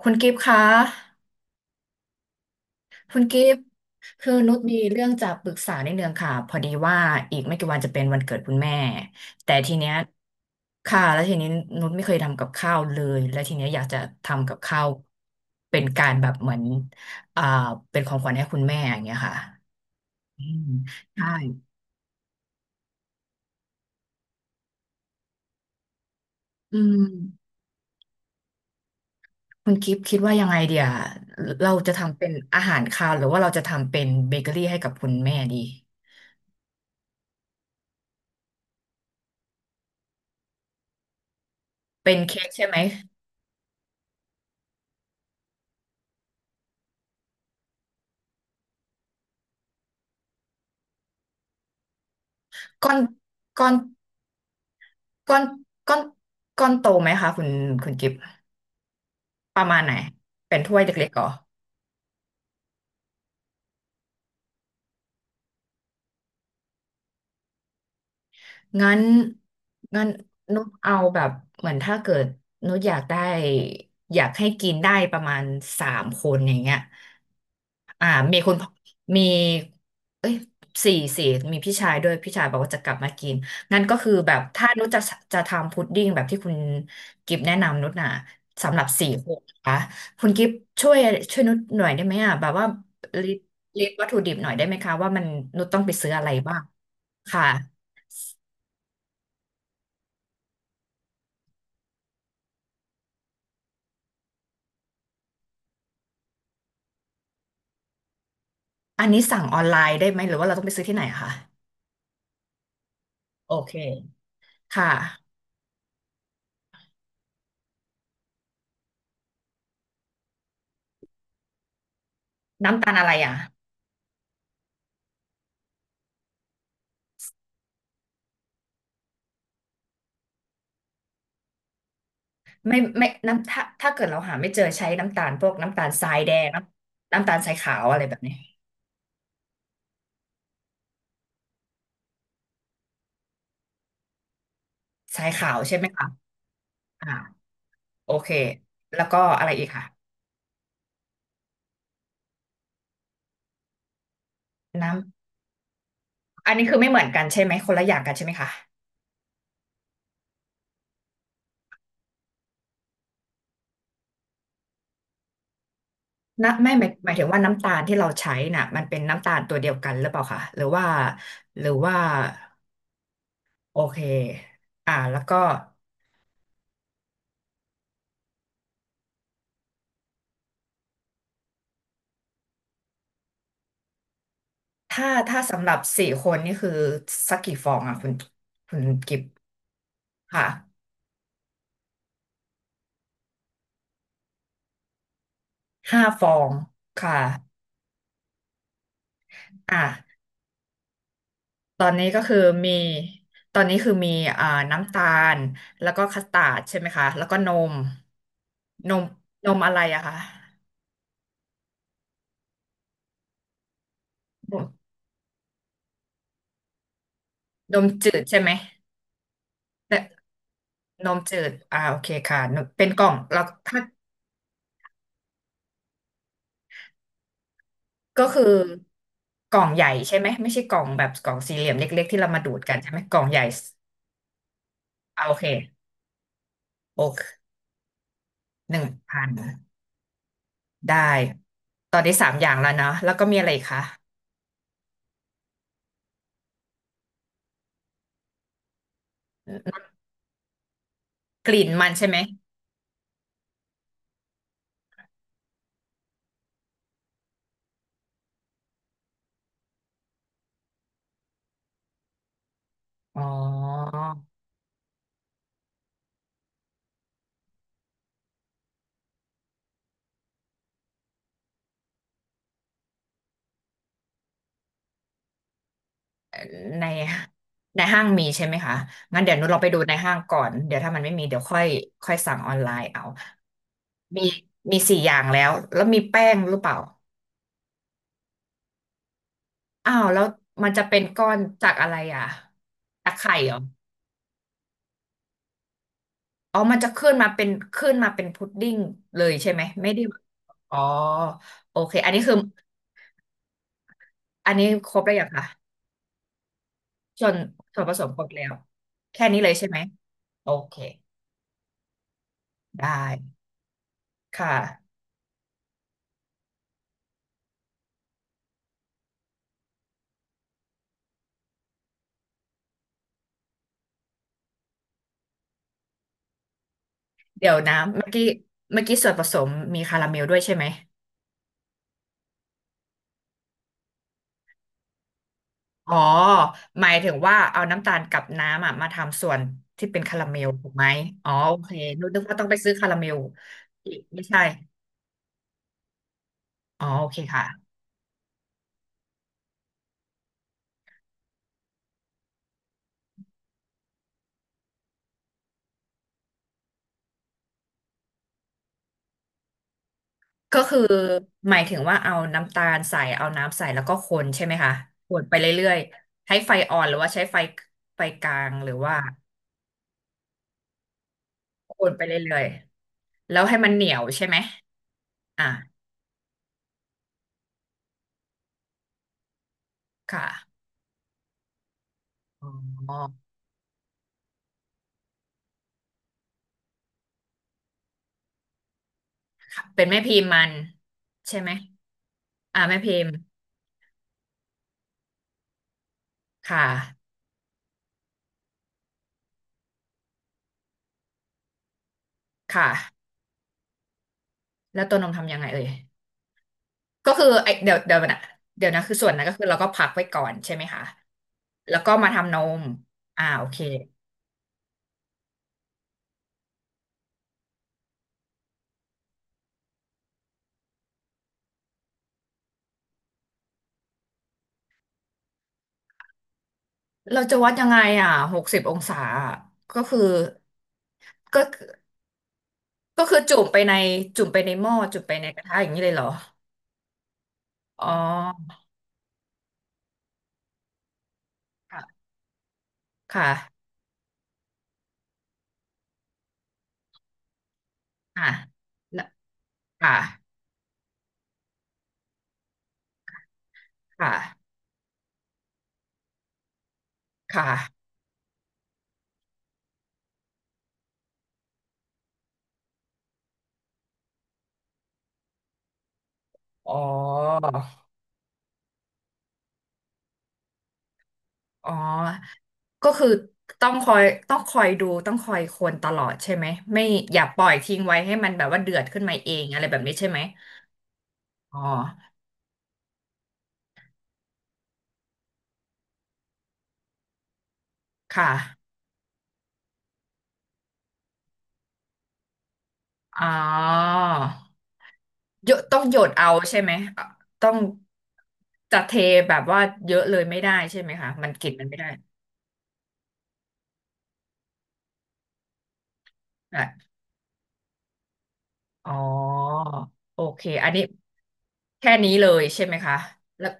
คุณกิฟต์คะคุณกิฟต์คือนุชมีเรื่องจะปรึกษานิดนึงค่ะพอดีว่าอีกไม่กี่วันจะเป็นวันเกิดคุณแม่แต่ทีเนี้ยค่ะแล้วทีนี้นุชไม่เคยทำกับข้าวเลย แล้วทีเนี้ยอยากจะทำกับข้าว เป็นการแบบเหมือนอ่าเป็นของขวัญให้คุณแม่อย่างเงี้ยค่ะอืมใช่อืมคุณกิฟต์คิดว่ายังไงเดียเราจะทำเป็นอาหารคาวหรือว่าเราจะทำเป็นเบเกอรี่ให้กับคุณแม่ดีเป็นเค้กใช่ไหมก้อนก้อน ก้อนก้อนก้อนโตไหมคะคุณกิฟประมาณไหนเป็นถ้วยเล็กๆเหรอ งั้นงั้นนุกเอาแบบเหมือนถ้าเกิดนุกอยากได้อยากให้กินได้ประมาณ3 คนอย่างเงี้ยอ่ามีคุณพ่อมีเอ้ยสี่มีพี่ชายด้วยพี่ชายบอกว่าจะกลับมากินงั้นก็คือแบบถ้านุชจะทำพุดดิ้งแบบที่คุณกิฟแนะนำนุชน่ะสำหรับสี่คนนะคะคุณกิฟช่วยช่วยนุชหน่อยได้ไหมอ่ะแบบว่าลิสต์ลิสต์วัตถุดิบหน่อยได้ไหมคะว่ามันนุชต้องไปซื้ออะไรบ้างค่ะ อันนี้สั่งออนไลน์ได้ไหมหรือว่าเราต้องไปซื้อที่ไหนอะคะโอเคค่ะน้ำตาลอะไรอ่ะไม่ไม่น้ำถ้าเกิดเราหาไม่เจอใช้น้ำตาลพวกน้ำตาลทรายแดงน้ำน้ำตาลทรายขาวอะไรแบบนี้ทรายขาวใช่ไหมคะอ่าโอเคแล้วก็อะไรอีกค่ะน้ำอันนี้คือไม่เหมือนกันใช่ไหมคนละอย่างกันใช่ไหมคะนะไม่หมายถึงว่าน้ำตาลที่เราใช้น่ะมันเป็นน้ำตาลตัวเดียวกันหรือเปล่าคะหรือว่าหรือว่าโอเคอ่าแล้วก็ ถ้าสำหรับ4 คนนี่คือสักกี่ฟองอ่ะคุณกิฟค่ะ5 ฟองค่ะอ่ะตอนนี้ก็คือมีตอนนี้คือมีอ่าน้ำตาลแล้วก็คัสตาร์ดใช่ไหมคะแล้วก็นมนมนมอะไรอะคะนมนมจืดใช่ไหมแต่นมจืดอ่าโอเคค่ะนมเป็นกล่องแล้วถ้าก็คือกล่องใหญ่ใช่ไหมไม่ใช่กล่องแบบกล่องสี่เหลี่ยมเล็กๆที่เรามาดูดกันใช่ไหมกล่องใหญ่อ่าโอเคโอเค 1,000ได้ตอนนี้3 อย่างแล้วเนาะแล้วก็มีอะไรอีกคะกลิ่นมันใช่ไหมอ๋อในในห้างมีใช่ไหมคะงั้นเดี๋ยวนุชลองไปดูในห้างก่อนเดี๋ยวถ้ามันไม่มีเดี๋ยวค่อยค่อยสั่งออนไลน์เอามีมี4 อย่างแล้วแล้วมีแป้งหรือเปล่าอ้าวแล้วมันจะเป็นก้อนจากอะไรอ่ะจากไข่เหรออ๋อมันจะขึ้นมาเป็นขึ้นมาเป็นพุดดิ้งเลยใช่ไหมไม่ได้อ๋อโอเคอันนี้คืออันนี้ครบแล้วยังคะ ส่วนส่วนผสมครบแล้วแค่นี้เลยใช่ไหมโอเคได้ค่ะเดี๋ยวนะเมื่อกี้เมื่อกี้ส่วนผสมมีคาราเมลด้วยใช่ไหมอ๋อหมายถึงว่าเอาน้ำตาลกับน้ำอ่ะมาทำส่วนที่เป็นคาราเมลถูกไหมอ๋อโอเคนึกว่าต้องไปซื้อคาราเมลอีกไม่ใช่อ๋อโอเคค่ะก็คือหมายถึงว่าเอาน้ำตาลใส่เอาน้ำใส่แล้วก็คนใช่ไหมคะคนไปเรื่อยๆใช้ไฟอ่อนหรือว่าใช้ไฟไฟกลางหรือว่าคนไปเรื่อย แล้วให้มันเหนียวใช่ไหมอ่ะค่ะอ๋อเป็นแม่พิมพ์มันใช่ไหมอ่ะแม่พิมพ์ค่ะค่ะแล้วตัวนมทำยังไงเอ่ยก็คือไอเดี๋ยวเดี๋ยวนะคือส่วนนั้นก็คือเราก็พักไว้ก่อนใช่ไหมคะแล้วก็มาทำนมอ่าโอเคเราจะวัดยังไงอ่ะ60 องศาอะก็คือก็คือก็คือจุ่มไปในหม้อจุ่มไปในกระทะอย่างนี้เลยเหรออ๋อค่ะค่ะอ่ะแล้วค่ะค่ะ ค่ะ อ๋ออ๋อก็คือต้องคอยต้องคอยดูต้องคอยคนตลอดใช่ไหมไม่อย่าปล่อยทิ้งไว้ให้มันแบบว่าเดือดขึ้นมาเองอะไรแบบนี้ใช่ไหมอ๋อค่ะอ๋อหยดต้องหยดเอาใช่ไหมอ่ะต้องจะเทแบบว่าเยอะเลยไม่ได้ใช่ไหมคะมันกลิ่นมันไม่ได้อ่ะอ๋อโอเคอันนี้แค่นี้เลยใช่ไหมคะแล้ว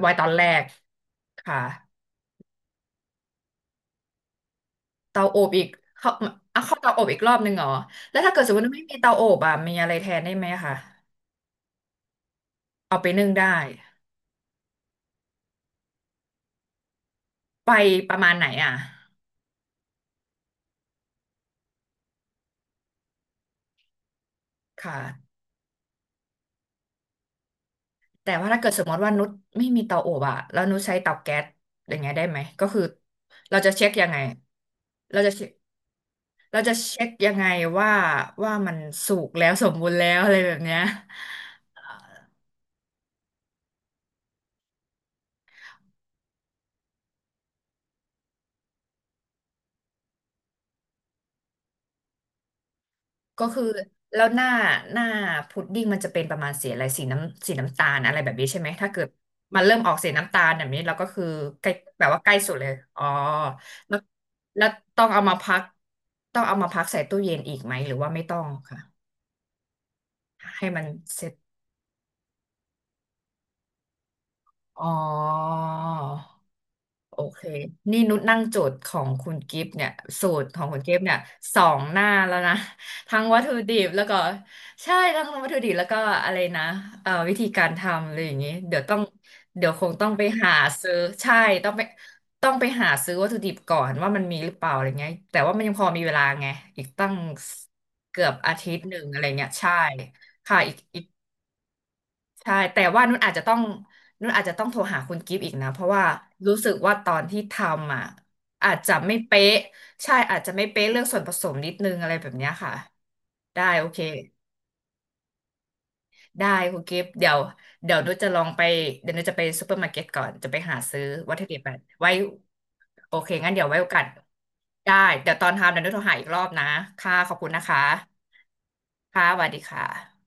ไว้ตอนแรกค่ะ เตาอบอีกเข้าเอาเข้าเตาอบอีกรอบหนึ่งเหรอแล้วถ้าเกิดสมมติว่าไม่มีเตาอบอ่ะมีอะไรแทนได้ไหมคะเอาไปนึ่งได้ไปประมาณไหนอ่ะค่ะแต่ว่าถ้าเกิดสมมติว่านุชไม่มีเตาอบอะแล้วนุชใช้เตาแก๊สอย่างเงี้ยได้ไหมก็คือเราจะเช็คยังไงเราจะเช็คเราจะเช็คยังไงว่าว่ามันสุกแล้วสมบูรณ์แล้วอะไรแบบเนี้ย ก็คือแล้วหน้าหน้าพุดดิ้งมันจะเป็นประมาณสีอะไรสีน้ำสีน้ำตาลอะไรแบบนี้ใช่ไหมถ้าเกิดมันเริ่มออกสีน้ำตาลแบบนี้เราก็คือใกล้แบบว่าใกล้สุดเลยอ๋อแล้วแล้วต้องเอามาพักต้องเอามาพักใส่ตู้เย็นอีกไหมหรือว่าไม่ต้องค่ะให้มันเสร็จอ๋อ โอเคนี่นุชนั่งโจทย์ของคุณกิฟต์เนี่ยสูตรของคุณกิฟต์เนี่ย2 หน้าแล้วนะ ทั้งวัตถุดิบแล้วก็ใช่ทั้งวัตถุดิบแล้วก็อะไรนะวิธีการทำอะไรอย่างงี้เดี๋ยวต้องเดี๋ยวคงต้องไปหาซื้อใช่ต้องไปต้องไปหาซื้อวัตถุดิบก่อนว่ามันมีหรือเปล่าอะไรเงี้ยแต่ว่ามันยังพอมีเวลาไงอีกตั้งเกือบอาทิตย์หนึ่งอะไรเงี้ยใช่ค่ะอีก ใช่แต่ว่านุ่นอาจจะต้องโทรหาคุณกิฟต์อีกนะเพราะว่ารู้สึกว่าตอนที่ทำอ่ะอาจจะไม่เป๊ะใช่อาจจะไม่เป๊ะเรื่องส่วนผสมนิดนึงอะไรแบบเนี้ยค่ะได้โอเคได้คุณกิฟต์เดี๋ยวเดี๋ยวนุ่นจะลองไปเดี๋ยวนุ่นจะไปซูเปอร์มาร์เก็ตก่อนจะไปหาซื้อวัตถุดิบอะไว้โอเคงั้นเดี๋ยวไว้โอกาสได้เดี๋ยวตอนทำเดี๋ยวนุ่นโทรหาอีกรอบนะค่ะขอบคุณนะคะค่ะสวัสดีค่ะ